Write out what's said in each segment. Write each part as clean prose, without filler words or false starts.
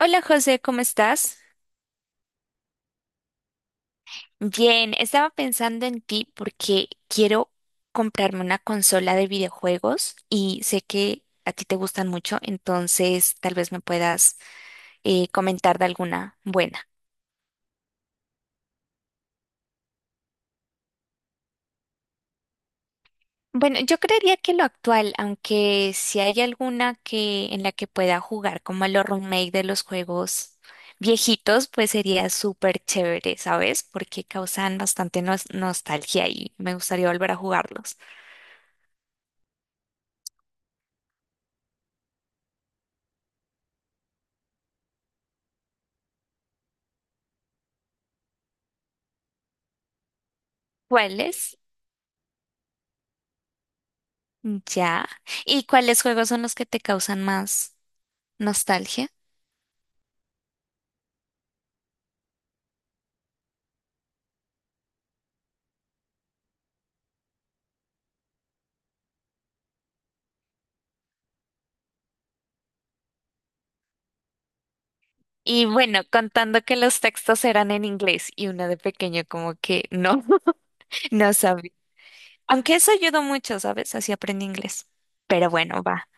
Hola José, ¿cómo estás? Bien, estaba pensando en ti porque quiero comprarme una consola de videojuegos y sé que a ti te gustan mucho, entonces tal vez me puedas comentar de alguna buena. Bueno, yo creería que lo actual, aunque si hay alguna que en la que pueda jugar como a los remake de los juegos viejitos, pues sería súper chévere, ¿sabes? Porque causan bastante nostalgia y me gustaría volver a jugarlos. ¿Cuáles? Ya. ¿Y cuáles juegos son los que te causan más nostalgia? Y bueno, contando que los textos eran en inglés y uno de pequeño como que no, no sabía. Aunque eso ayudó mucho, ¿sabes? Así aprendí inglés. Pero bueno, va.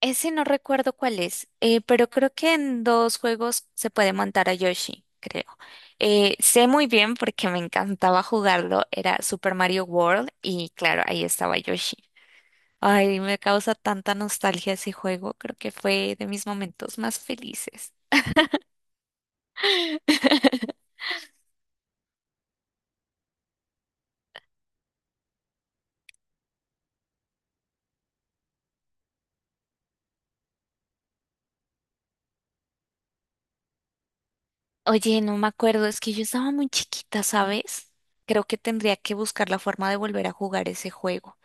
Ese no recuerdo cuál es, pero creo que en dos juegos se puede montar a Yoshi, creo. Sé muy bien porque me encantaba jugarlo, era Super Mario World y claro, ahí estaba Yoshi. Ay, me causa tanta nostalgia ese juego. Creo que fue de mis momentos más felices. Oye, no me acuerdo, es que yo estaba muy chiquita, ¿sabes? Creo que tendría que buscar la forma de volver a jugar ese juego.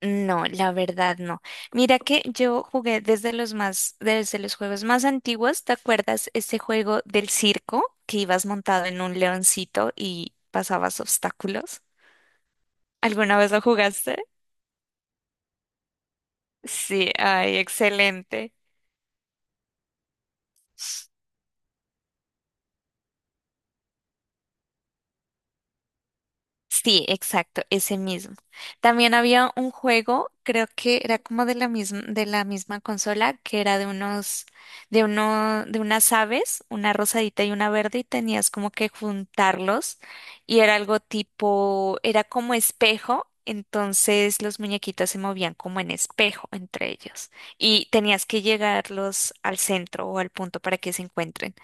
No, la verdad no. Mira que yo jugué desde los más, desde los juegos más antiguos. ¿Te acuerdas este juego del circo que ibas montado en un leoncito y pasabas obstáculos? ¿Alguna vez lo jugaste? Sí, ay, excelente. Sí, exacto, ese mismo. También había un juego, creo que era como de la misma consola, que era de unos, de uno, de unas aves, una rosadita y una verde, y tenías como que juntarlos, y era algo tipo, era como espejo, entonces los muñequitos se movían como en espejo entre ellos, y tenías que llegarlos al centro o al punto para que se encuentren.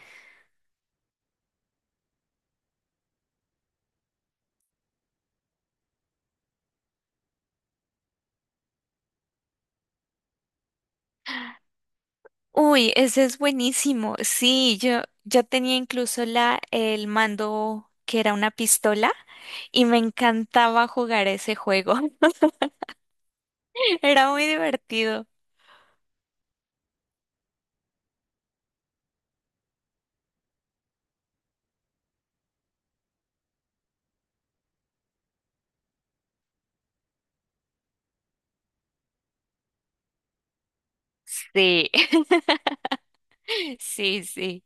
Uy, ese es buenísimo. Sí, yo tenía incluso la, el mando que era una pistola y me encantaba jugar ese juego. Era muy divertido. Sí, sí, sí.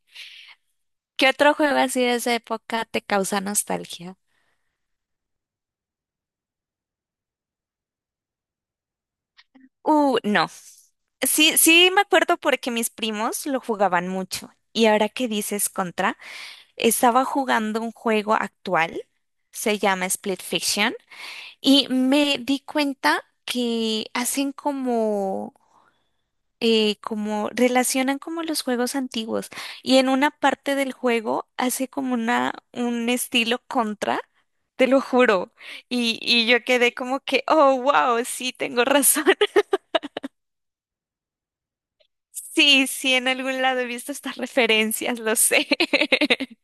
¿Qué otro juego así de esa época te causa nostalgia? No. Sí, sí me acuerdo porque mis primos lo jugaban mucho. Y ahora que dices Contra, estaba jugando un juego actual, se llama Split Fiction. Y me di cuenta que hacen como, como relacionan como los juegos antiguos. Y en una parte del juego hace como una, un estilo contra, te lo juro. Y yo quedé como que, oh, wow, sí, tengo razón. Sí, sí, en algún lado he visto estas referencias, lo sé.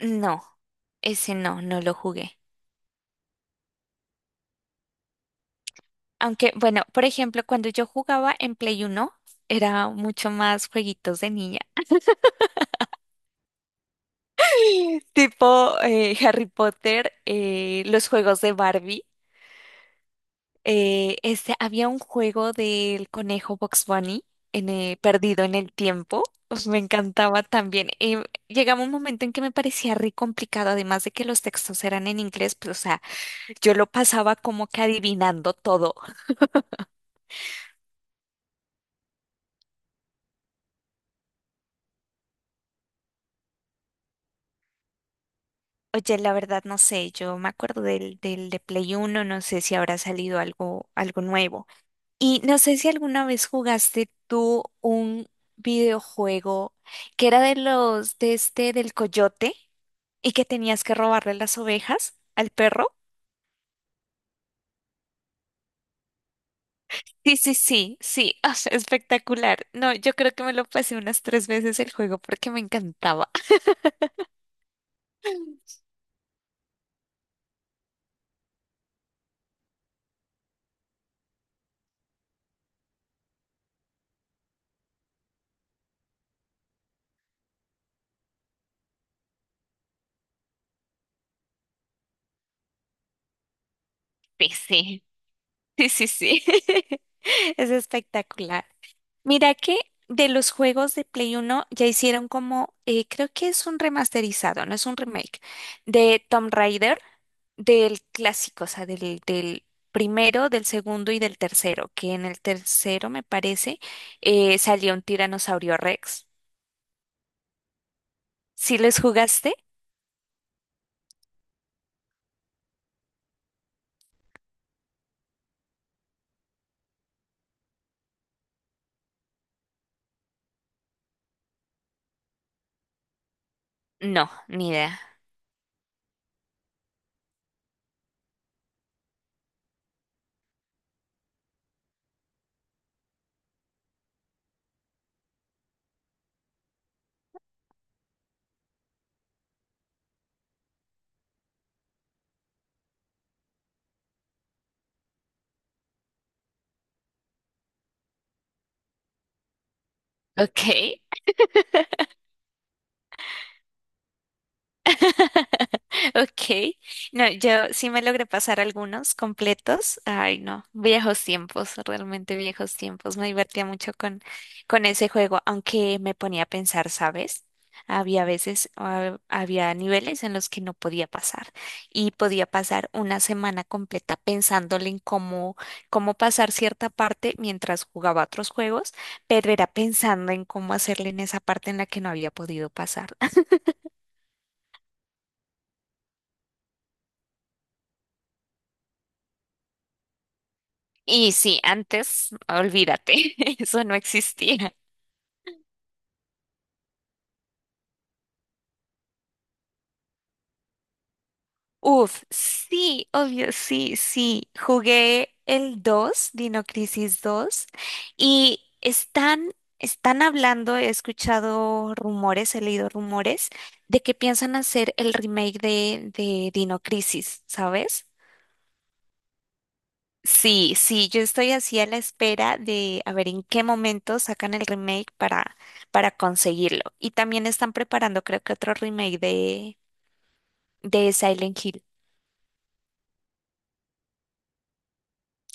No, ese no, no lo jugué. Aunque, bueno, por ejemplo, cuando yo jugaba en Play uno era mucho más jueguitos de niña. Tipo Harry Potter, los juegos de Barbie. Este, había un juego del conejo Box Bunny en, perdido en el tiempo. Pues me encantaba también. Llegaba un momento en que me parecía re complicado, además de que los textos eran en inglés, pues, o sea, yo lo pasaba como que adivinando todo. Oye, la verdad no sé, yo me acuerdo del, del de Play Uno, no sé si habrá salido algo, algo nuevo. Y no sé si alguna vez jugaste tú un videojuego que era de los de este del coyote y que tenías que robarle las ovejas al perro. Sí, sí, sí, sí, o sea, espectacular. No, yo creo que me lo pasé unas tres veces el juego porque me encantaba. Sí, sí, sí, sí, sí. Es espectacular. Mira que de los juegos de Play Uno ya hicieron como, creo que es un remasterizado, no es un remake, de Tomb Raider, del clásico, o sea, del, del primero, del segundo y del tercero, que en el tercero, me parece, salió un tiranosaurio Rex. ¿Sí los jugaste? No, ni idea. Ok. Ok. No, yo sí me logré pasar algunos completos. Ay, no, viejos tiempos, realmente viejos tiempos. Me divertía mucho con ese juego, aunque me ponía a pensar, ¿sabes? Había veces, ah, había niveles en los que no podía pasar y podía pasar una semana completa pensándole en cómo, cómo pasar cierta parte mientras jugaba otros juegos, pero era pensando en cómo hacerle en esa parte en la que no había podido pasar. Y sí, antes, olvídate, eso no existía. Uf, sí, obvio, sí, sí. Jugué el 2, Dino Crisis 2, y están, están hablando, he escuchado rumores, he leído rumores de que piensan hacer el remake de Dino Crisis, ¿sabes? Sí, sí, yo estoy así a la espera de a ver en qué momento sacan el remake para conseguirlo. Y también están preparando, creo que otro remake de Silent Hill,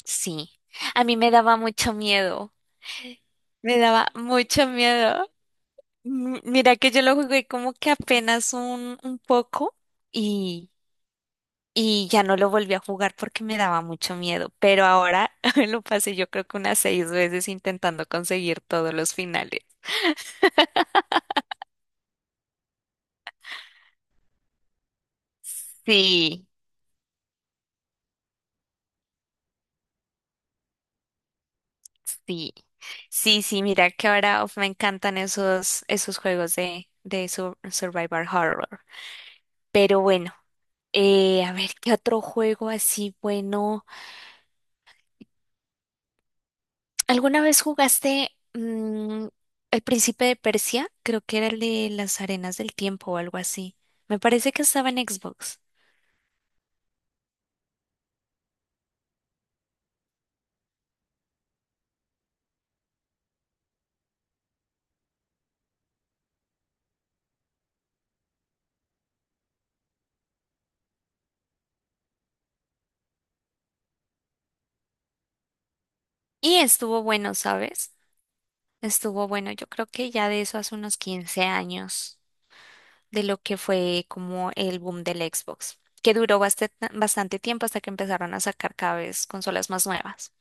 sí. A mí me daba mucho miedo, me daba mucho miedo. Mira que yo lo jugué como que apenas un poco y, y ya no lo volví a jugar porque me daba mucho miedo, pero ahora lo pasé yo creo que unas 6 veces intentando conseguir todos los finales. Sí, sí, sí, sí, mira que ahora uf, me encantan esos, esos juegos de, de Survivor Horror. Pero bueno. A ver, ¿qué otro juego así bueno? ¿Alguna vez jugaste El Príncipe de Persia? Creo que era el de las arenas del tiempo o algo así. Me parece que estaba en Xbox. Y estuvo bueno, ¿sabes? Estuvo bueno. Yo creo que ya de eso hace unos 15 años, de lo que fue como el boom del Xbox, que duró bastante, bastante tiempo hasta que empezaron a sacar cada vez consolas más nuevas.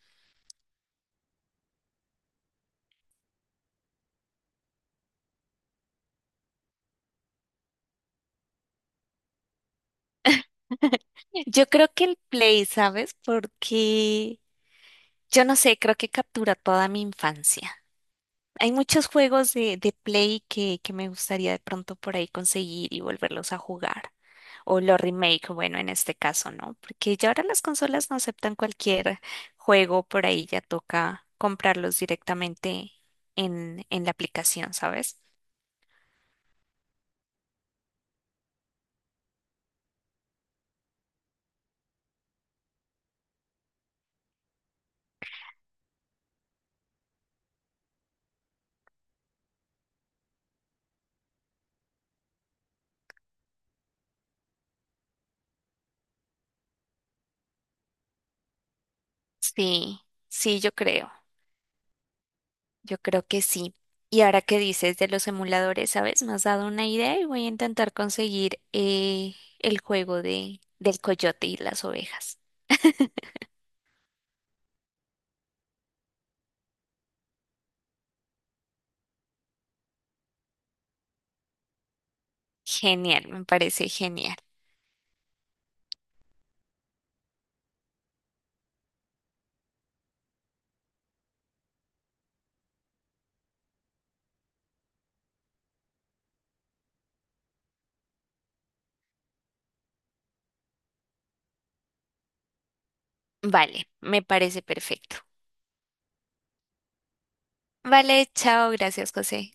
Yo creo que el Play, ¿sabes? Porque yo no sé, creo que captura toda mi infancia. Hay muchos juegos de Play que me gustaría de pronto por ahí conseguir y volverlos a jugar. O los remake, bueno, en este caso, ¿no? Porque ya ahora las consolas no aceptan cualquier juego, por ahí ya toca comprarlos directamente en la aplicación, ¿sabes? Sí, sí, yo creo. Yo creo que sí. Y ahora que dices de los emuladores, ¿sabes? Me has dado una idea y voy a intentar conseguir el juego de, del coyote y las ovejas. Genial, me parece genial. Vale, me parece perfecto. Vale, chao, gracias, José.